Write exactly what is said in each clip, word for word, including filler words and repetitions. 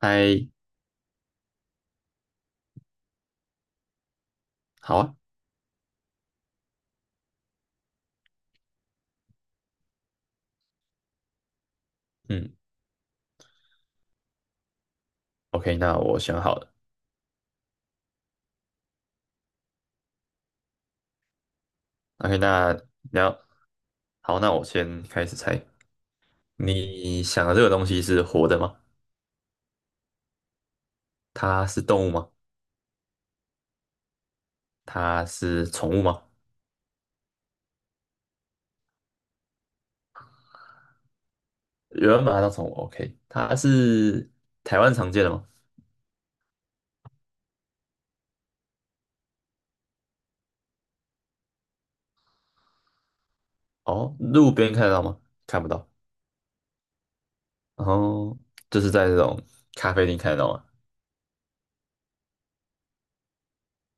嗨。好啊。嗯，OK,那我想好了。OK,那你要，好，那我先开始猜。你想的这个东西是活的吗？它是动物吗？它是宠物吗？有人把它当宠物，OK,它是台湾常见的吗？哦，路边看得到吗？看不到。然后就是在这种咖啡厅看得到吗？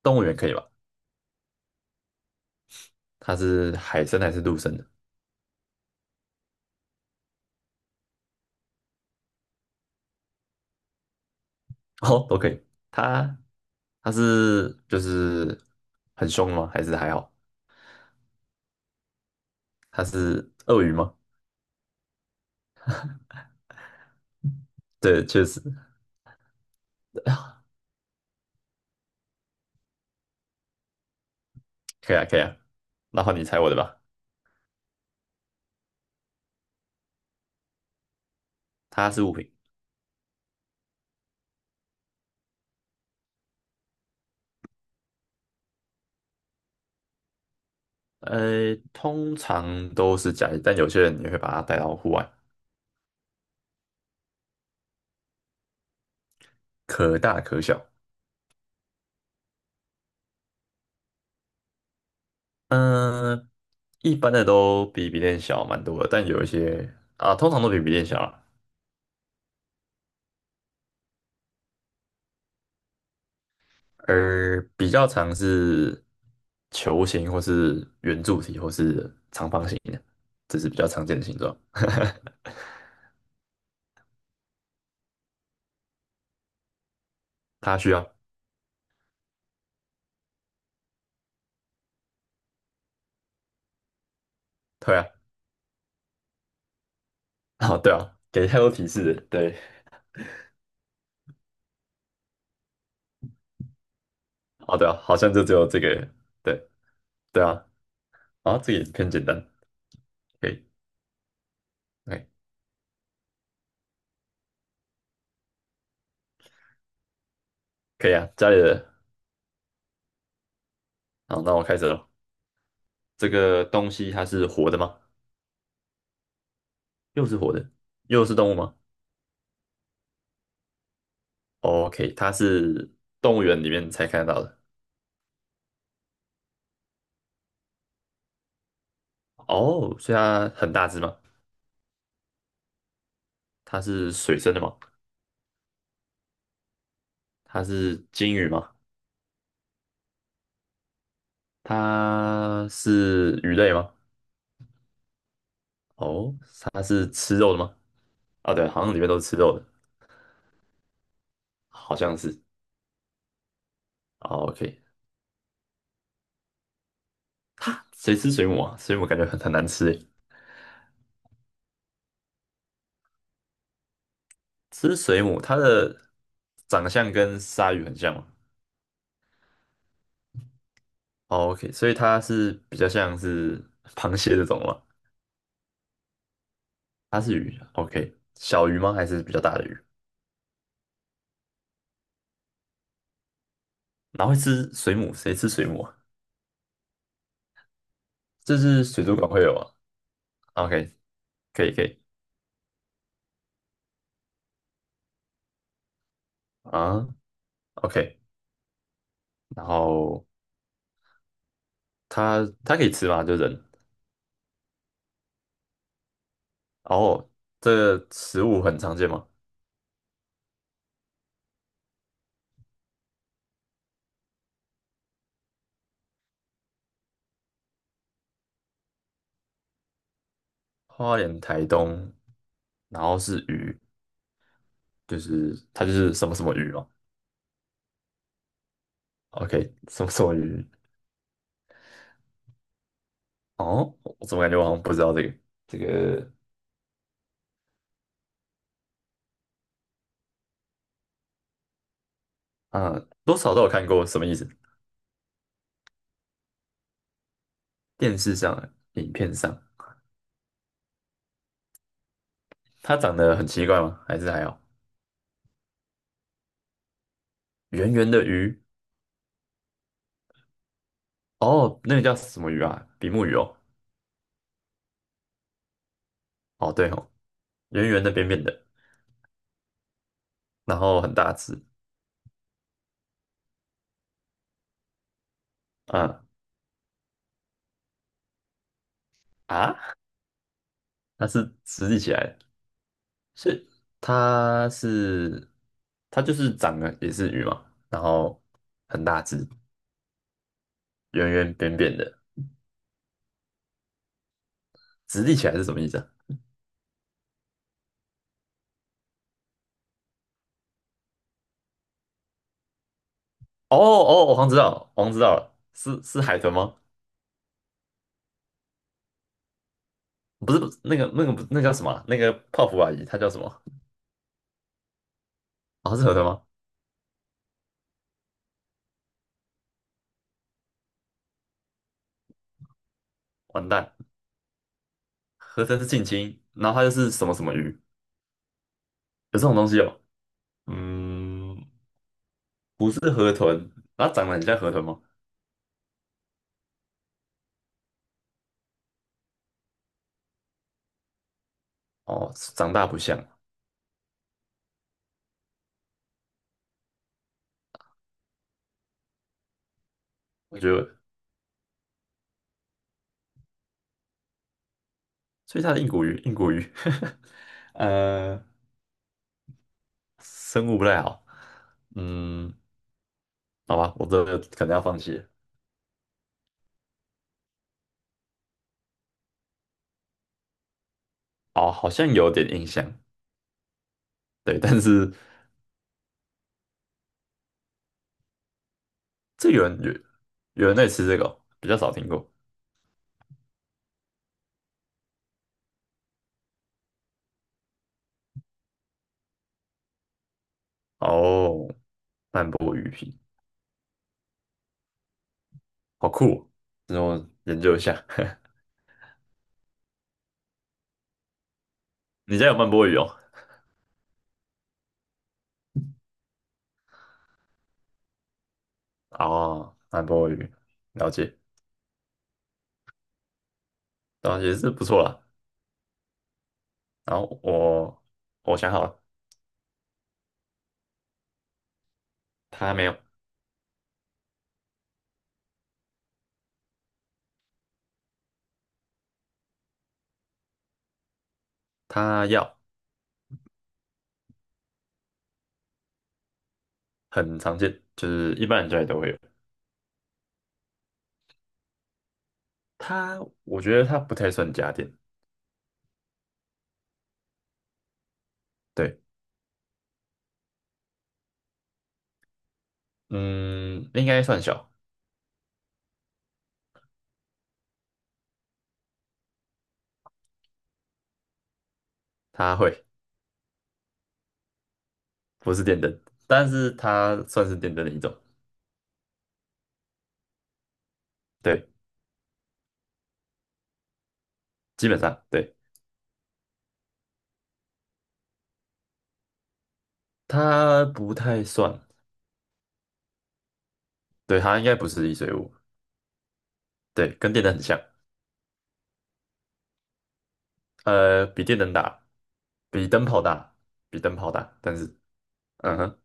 动物园可以吧？它是海生还是陆生的？哦，都可以。它它是就是很凶吗？还是还好？它是鳄鱼吗？对，确实。可以啊，可以啊。那换你猜我的吧。它是物品。呃，通常都是家里，但有些人也会把它带到户外。可大可小。嗯、一般的都比笔电小蛮多的，但有一些啊，通常都比笔电小啊。而比较常是球形或是圆柱体或是长方形的，这是比较常见的形状。它需要。对啊。哦，对啊，给太多提示了，对。哦，对啊，好像就只有这个。对对啊，啊，这个也偏简单。可以。哎，可以啊，家里的。好，那我开始了。这个东西它是活的吗？又是活的，又是动物吗？OK,它是动物园里面才看得到的。哦，所以它很大只吗？它是水生的吗？它是鲸鱼吗？它是鱼类吗？哦，它是吃肉的吗？啊，对，好像里面都是吃肉的。好像是。哦 OK。谁吃水母啊？水母感觉很很难吃诶。吃水母，它的长相跟鲨鱼很像吗？哦，OK,所以它是比较像是螃蟹这种吗？它是鱼，OK,小鱼吗？还是比较大的鱼？然后会吃水母，谁吃水母啊？这是水族馆会有啊。OK,可以可以啊，OK,然后它它可以吃吗？就人。然后这个食物很常见吗？花莲、台东，然后是鱼，就是它就是什么什么鱼嘛。OK,什么什么鱼？哦，我怎么感觉我好像不知道这个？这个啊，多少都有看过，什么意思？电视上、影片上。它长得很奇怪吗？还是还有圆圆的鱼。哦，那个叫什么鱼啊？比目鱼哦。哦对哦，圆圆的、扁扁的，然后很大只。啊啊，它是直立起来的是它是它就是长的也是鱼嘛，然后很大只，圆圆扁扁的。直立起来是什么意思啊？哦哦，哦我好像知道，我好像知道了，是是海豚吗？不是，不是那个那个不那叫什么啊那个泡芙阿姨，她叫什么？哦，是河豚吗？完蛋。河豚是近亲，然后它就是什么什么鱼。有这种东西哦。嗯，不是河豚。它长得很像河豚吗？哦，长大不像。我觉得，所以它的硬骨鱼，硬骨鱼。呃，生物不太好。嗯，好吧，我这个可能要放弃了。哦，好像有点印象。对，但是这有人有有人在吃这个哦比较少听过哦。曼波鱼皮，好酷哦。那我研究一下。你家有曼波鱼哦？哦，曼波鱼，了解。然后也是不错啦。然后我我想好了。他没有。他要。很常见，就是一般人家里都会有。它我觉得它不太算家电。对。嗯，应该算小。它会。不是电灯，但是它算是电灯的一种。对，基本上对。它不太算。对，它应该不是易碎物。对，跟电灯很像。呃，比电灯大。比灯泡大。比灯泡大，但是，嗯哼。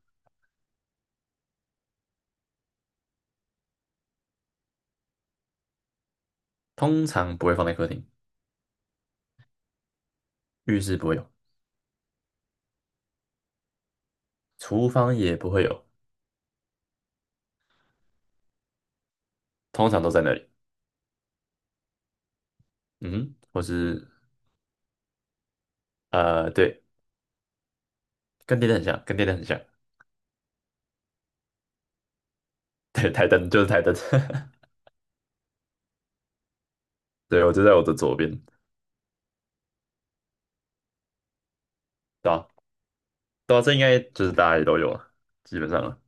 通常不会放在客厅。浴室不会有。厨房也不会有。通常都在那里。嗯哼，或是，呃，对。跟电灯很像，跟电灯很像。对，台灯就是台灯。对，我就在我的左边。对吧？对啊，这应该就是大家也都有了，基本上了。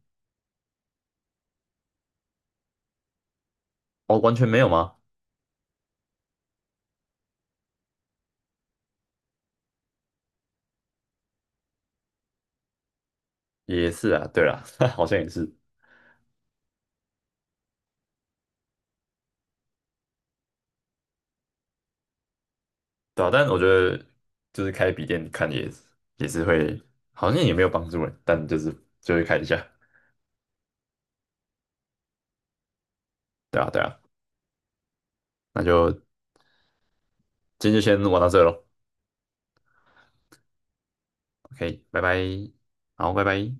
哦，完全没有吗？也是啊，对啦。好像也是。对啊，但我觉得就是开笔电看也也是会，好像也没有帮助诶，但就是就会看一下。对啊，对啊。那就今天就先玩到这喽。OK,拜拜。好，拜拜。